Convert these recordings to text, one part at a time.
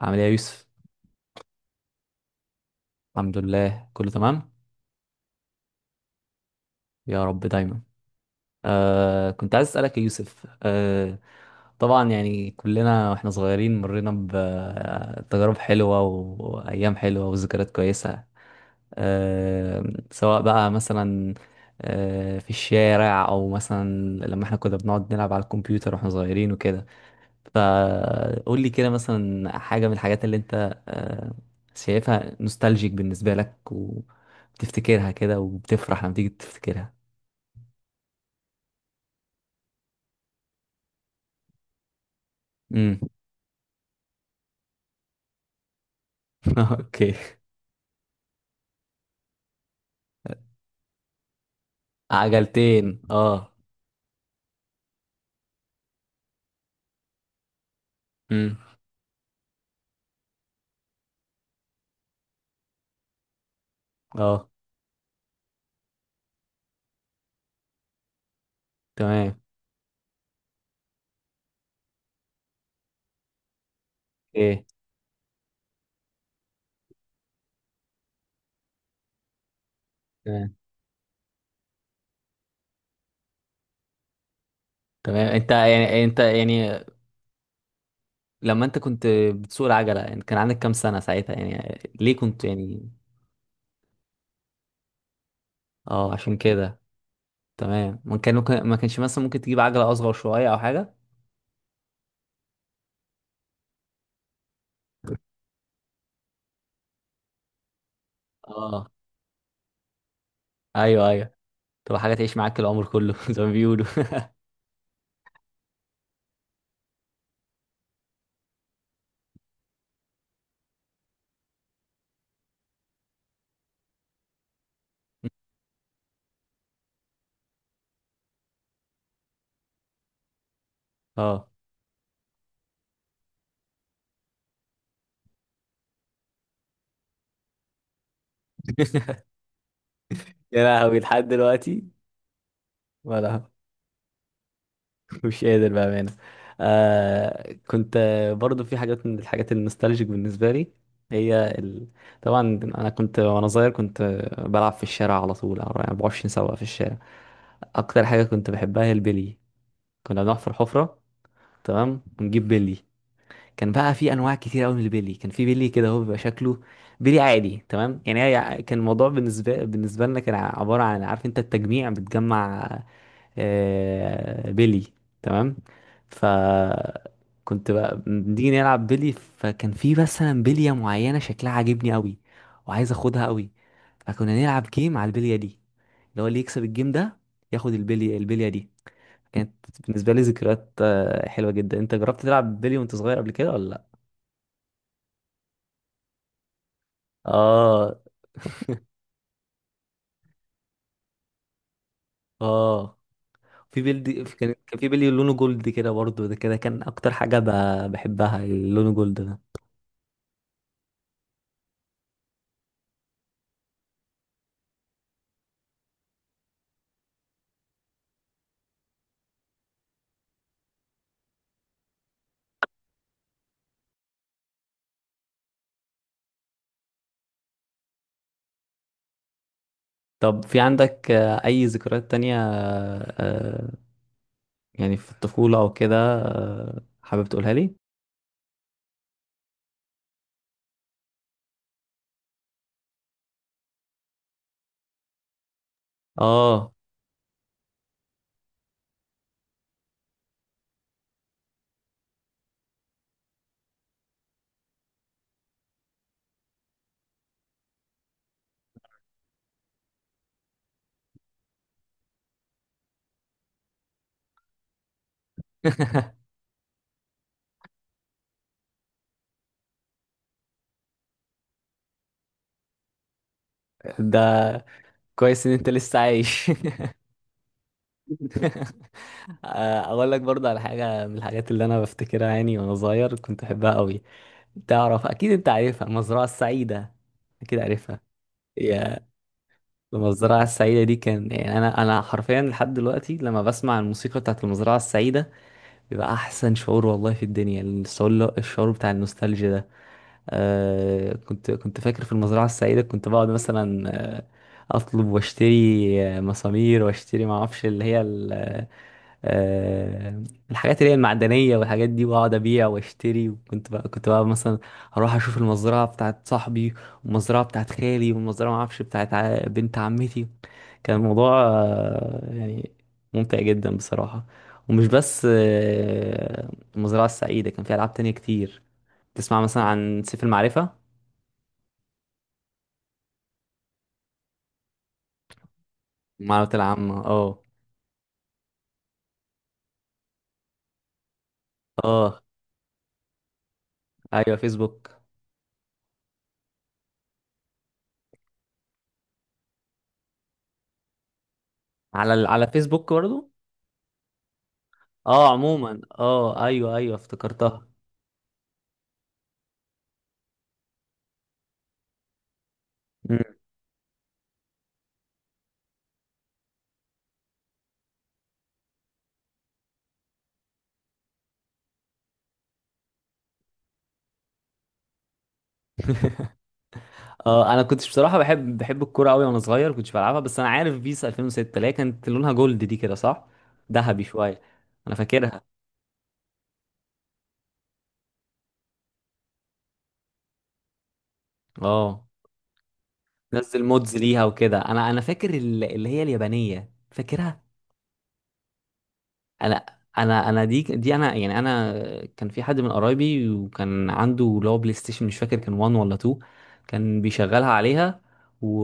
عامل ايه يا يوسف؟ الحمد لله كله تمام. يا رب دايما. كنت عايز اسالك يا يوسف. طبعا يعني كلنا واحنا صغيرين مرينا بتجارب حلوه وايام حلوه وذكريات كويسه. آه سواء بقى مثلا في الشارع او مثلا لما احنا كنا بنقعد نلعب على الكمبيوتر واحنا صغيرين وكده. فقول لي كده مثلا حاجة من الحاجات اللي انت آه، شايفها نوستالجيك بالنسبة لك، وبتفتكرها كده وبتفرح لما تيجي تفتكرها. امم اوكي. عجلتين اه. امم. اه. تمام. ايه. تمام. تمام. انت يعني، انت يعني لما انت كنت بتسوق العجلة، يعني كان عندك كام سنة ساعتها؟ يعني ليه كنت يعني؟ اه، عشان كده. تمام. ما كان ممكن، ما كانش مثلا ممكن تجيب عجلة اصغر شوية او حاجة؟ اه. ايوه ايوه. تبقى حاجة تعيش معاك العمر كله زي ما بيقولوا. اه. يا لهوي، لحد دلوقتي! ولا مش قادر بأمانة. كنت برضو في حاجات من الحاجات النوستالجيك بالنسبة لي. هي ال... طبعا أنا كنت وأنا صغير، كنت بلعب في الشارع على طول، على 24 ساعة في الشارع. أكتر حاجة كنت بحبها هي البلي. كنا بنروح في الحفرة. تمام. ونجيب بلي. كان بقى في انواع كتير قوي من البيلي. كان في بيلي كده، هو بيبقى شكله بيلي عادي. تمام. يعني هي كان الموضوع بالنسبه لنا كان عباره عن، عارف انت، التجميع، بتجمع بيلي. تمام. ف كنت بقى بنيجي نلعب بيلي، فكان في مثلا بليه معينه شكلها عاجبني قوي وعايز اخدها قوي. فكنا نلعب جيم على البليه دي، اللي هو اللي يكسب الجيم ده ياخد البليه دي. كانت بالنسبه لي ذكريات حلوه جدا. انت جربت تلعب بلي وانت صغير قبل كده ولا لأ؟ اه. اه. في بيلد كان، كان في بيلي لونه جولد كده برضه، ده كده كان اكتر حاجة بحبها، اللون جولد ده. طب في عندك اي ذكريات تانية آه، يعني في الطفولة او كده حابب تقولها لي؟ اه ده كويس ان انت لسه عايش. اقول لك برضه على حاجة من الحاجات اللي انا بفتكرها، يعني وانا صغير كنت بحبها قوي. تعرف، اكيد انت عارفها، المزرعة السعيدة، اكيد عارفها. يا المزرعة السعيدة دي، كان يعني أنا حرفيا لحد دلوقتي لما بسمع الموسيقى بتاعت المزرعة السعيدة بيبقى احسن شعور، والله، في الدنيا. الشعور بتاع النوستالجيا ده. كنت فاكر في المزرعة السعيدة كنت بقعد مثلا، آه أطلب واشتري مسامير واشتري، ما اعرفش اللي هي آه الحاجات اللي هي المعدنية والحاجات دي، واقعد أبيع واشتري. وكنت بقى، كنت بقى مثلا أروح أشوف المزرعة بتاعت صاحبي، والمزرعة بتاعت خالي، والمزرعة ما اعرفش بتاعت بنت عمتي. كان الموضوع يعني ممتع جدا بصراحة. ومش بس المزرعة السعيدة، كان في ألعاب تانية كتير. تسمع مثلا عن سيف المعرفة؟ المعلومات العامة، اه. اه، ايوه، فيسبوك. على ال... على فيسبوك برضو؟ اه عموما، اه ايوه ايوه، افتكرتها. مم. اه. انا كنتش بصراحة بحب، بحب الكورة قوي وانا صغير، كنتش بلعبها. بس انا عارف بيس 2006، اللي هي كانت لونها جولد دي، كده صح؟ ذهبي شوية. انا فاكرها. اه، نزل مودز ليها وكده. انا انا فاكر اللي هي اليابانية، فاكرها. انا انا دي انا يعني. انا كان في حد من قرايبي، وكان عنده اللي هو بلاي ستيشن مش فاكر كان 1 ولا 2. كان بيشغلها عليها. و...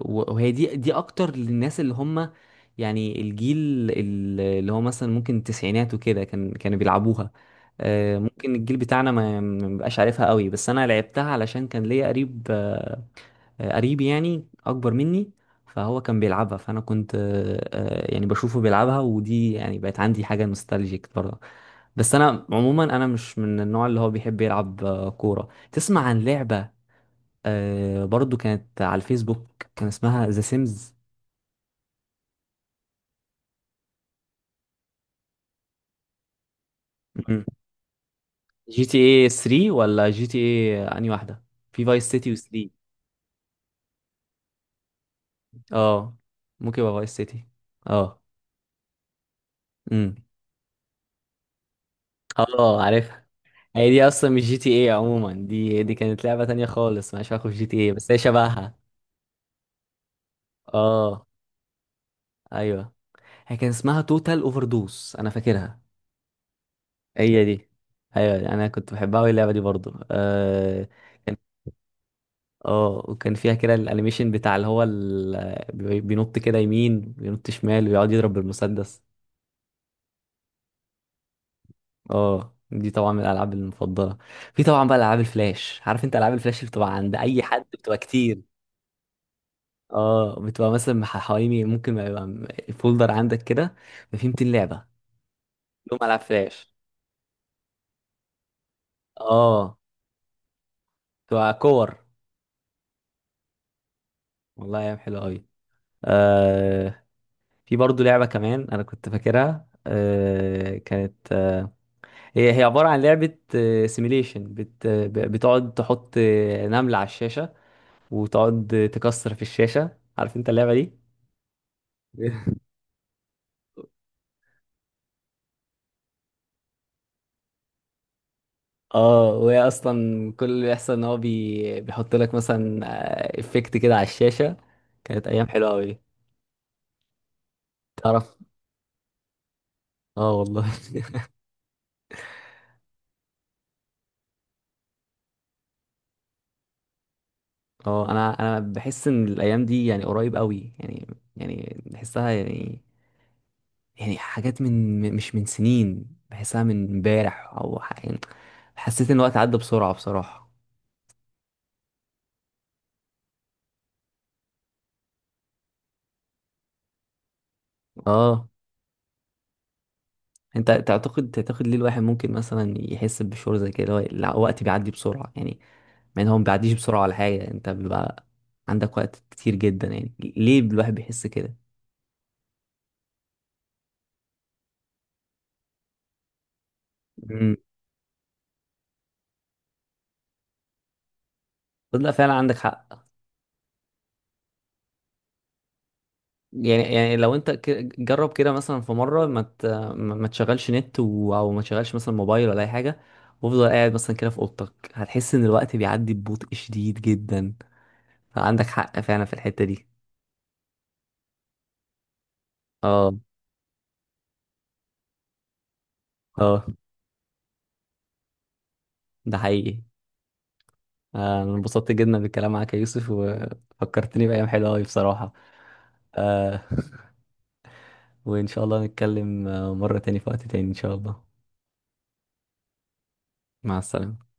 وهي دي اكتر للناس اللي هم يعني الجيل اللي هو مثلا ممكن التسعينات وكده، كان كانوا بيلعبوها. ممكن الجيل بتاعنا ما بيبقاش عارفها قوي، بس انا لعبتها علشان كان ليا قريب، قريبي يعني اكبر مني. فهو كان بيلعبها، فانا كنت يعني بشوفه بيلعبها، ودي يعني بقت عندي حاجه نوستالجيك برضه. بس انا عموما انا مش من النوع اللي هو بيحب يلعب كوره. تسمع عن لعبه برضه كانت على الفيسبوك، كان اسمها ذا سيمز؟ جي تي اي 3 ولا جي تي اي انهي واحده؟ في فايس سيتي و3. اه. ممكن يبقى فايس سيتي. اه. امم. اه، عارف. هي دي اصلا مش جي تي ايه، عموما دي، دي كانت لعبة تانية خالص مالهاش علاقة بجي تي ايه، بس هي شبهها. اه، ايوه. هي كان اسمها توتال اوفر دوس، انا فاكرها. هي دي. ايوه، انا كنت بحبها قوي، اللعبة دي برضو. كان. اه، وكان فيها كده الانيميشن بتاع، اللي هو ال... بينط كده يمين، بينط شمال، ويقعد يضرب بالمسدس. اه، دي طبعا من الالعاب المفضلة. في طبعا بقى العاب الفلاش، عارف انت العاب الفلاش اللي بتبقى عند اي حد بتبقى كتير. اه، بتبقى مثلا حوالي، ممكن ما يبقى الفولدر عندك كده ما فيه 200 لعبه، كلهم على فلاش. اه، بتبقى كور. والله ايام حلوه قوي. آه في برضو لعبه كمان انا كنت فاكرها كانت هي عباره عن لعبه سيميليشن، بتقعد تحط نمله على الشاشه وتقعد تكسر في الشاشه، عارف انت اللعبه دي؟ اه. وهي اصلا كل اللي بيحصل ان هو بيحط لك مثلا افكت كده على الشاشه. كانت ايام حلوه قوي. تعرف. اه والله اه، انا انا بحس ان الايام دي يعني قريب قوي، يعني يعني بحسها يعني يعني حاجات من مش من سنين، بحسها من امبارح، او يعني حسيت ان الوقت عدى بسرعه بصراحه. اه. انت تعتقد، تعتقد ليه الواحد ممكن مثلا يحس بشعور زي كده، اللي هو الوقت بيعدي بسرعه؟ يعني يعني هو ما بيعديش بسرعة ولا حاجة، انت بيبقى عندك وقت كتير جدا، يعني ليه الواحد بيحس كده؟ امم. لا فعلا عندك حق. يعني يعني لو انت جرب كده مثلا في مرة ما ت... ما ما تشغلش نت، و... او ما تشغلش مثلا موبايل ولا اي حاجة، وافضل قاعد مثلا كده في اوضتك، هتحس ان الوقت بيعدي ببطء شديد جدا. فعندك حق فعلا في الحتة دي. اه. اه. ده حقيقي. انا انبسطت جدا بالكلام معاك يا يوسف، وفكرتني بأيام حلوة أوي بصراحة. آه وإن شاء الله نتكلم مرة تاني في وقت تاني، إن شاء الله. مع السلامة.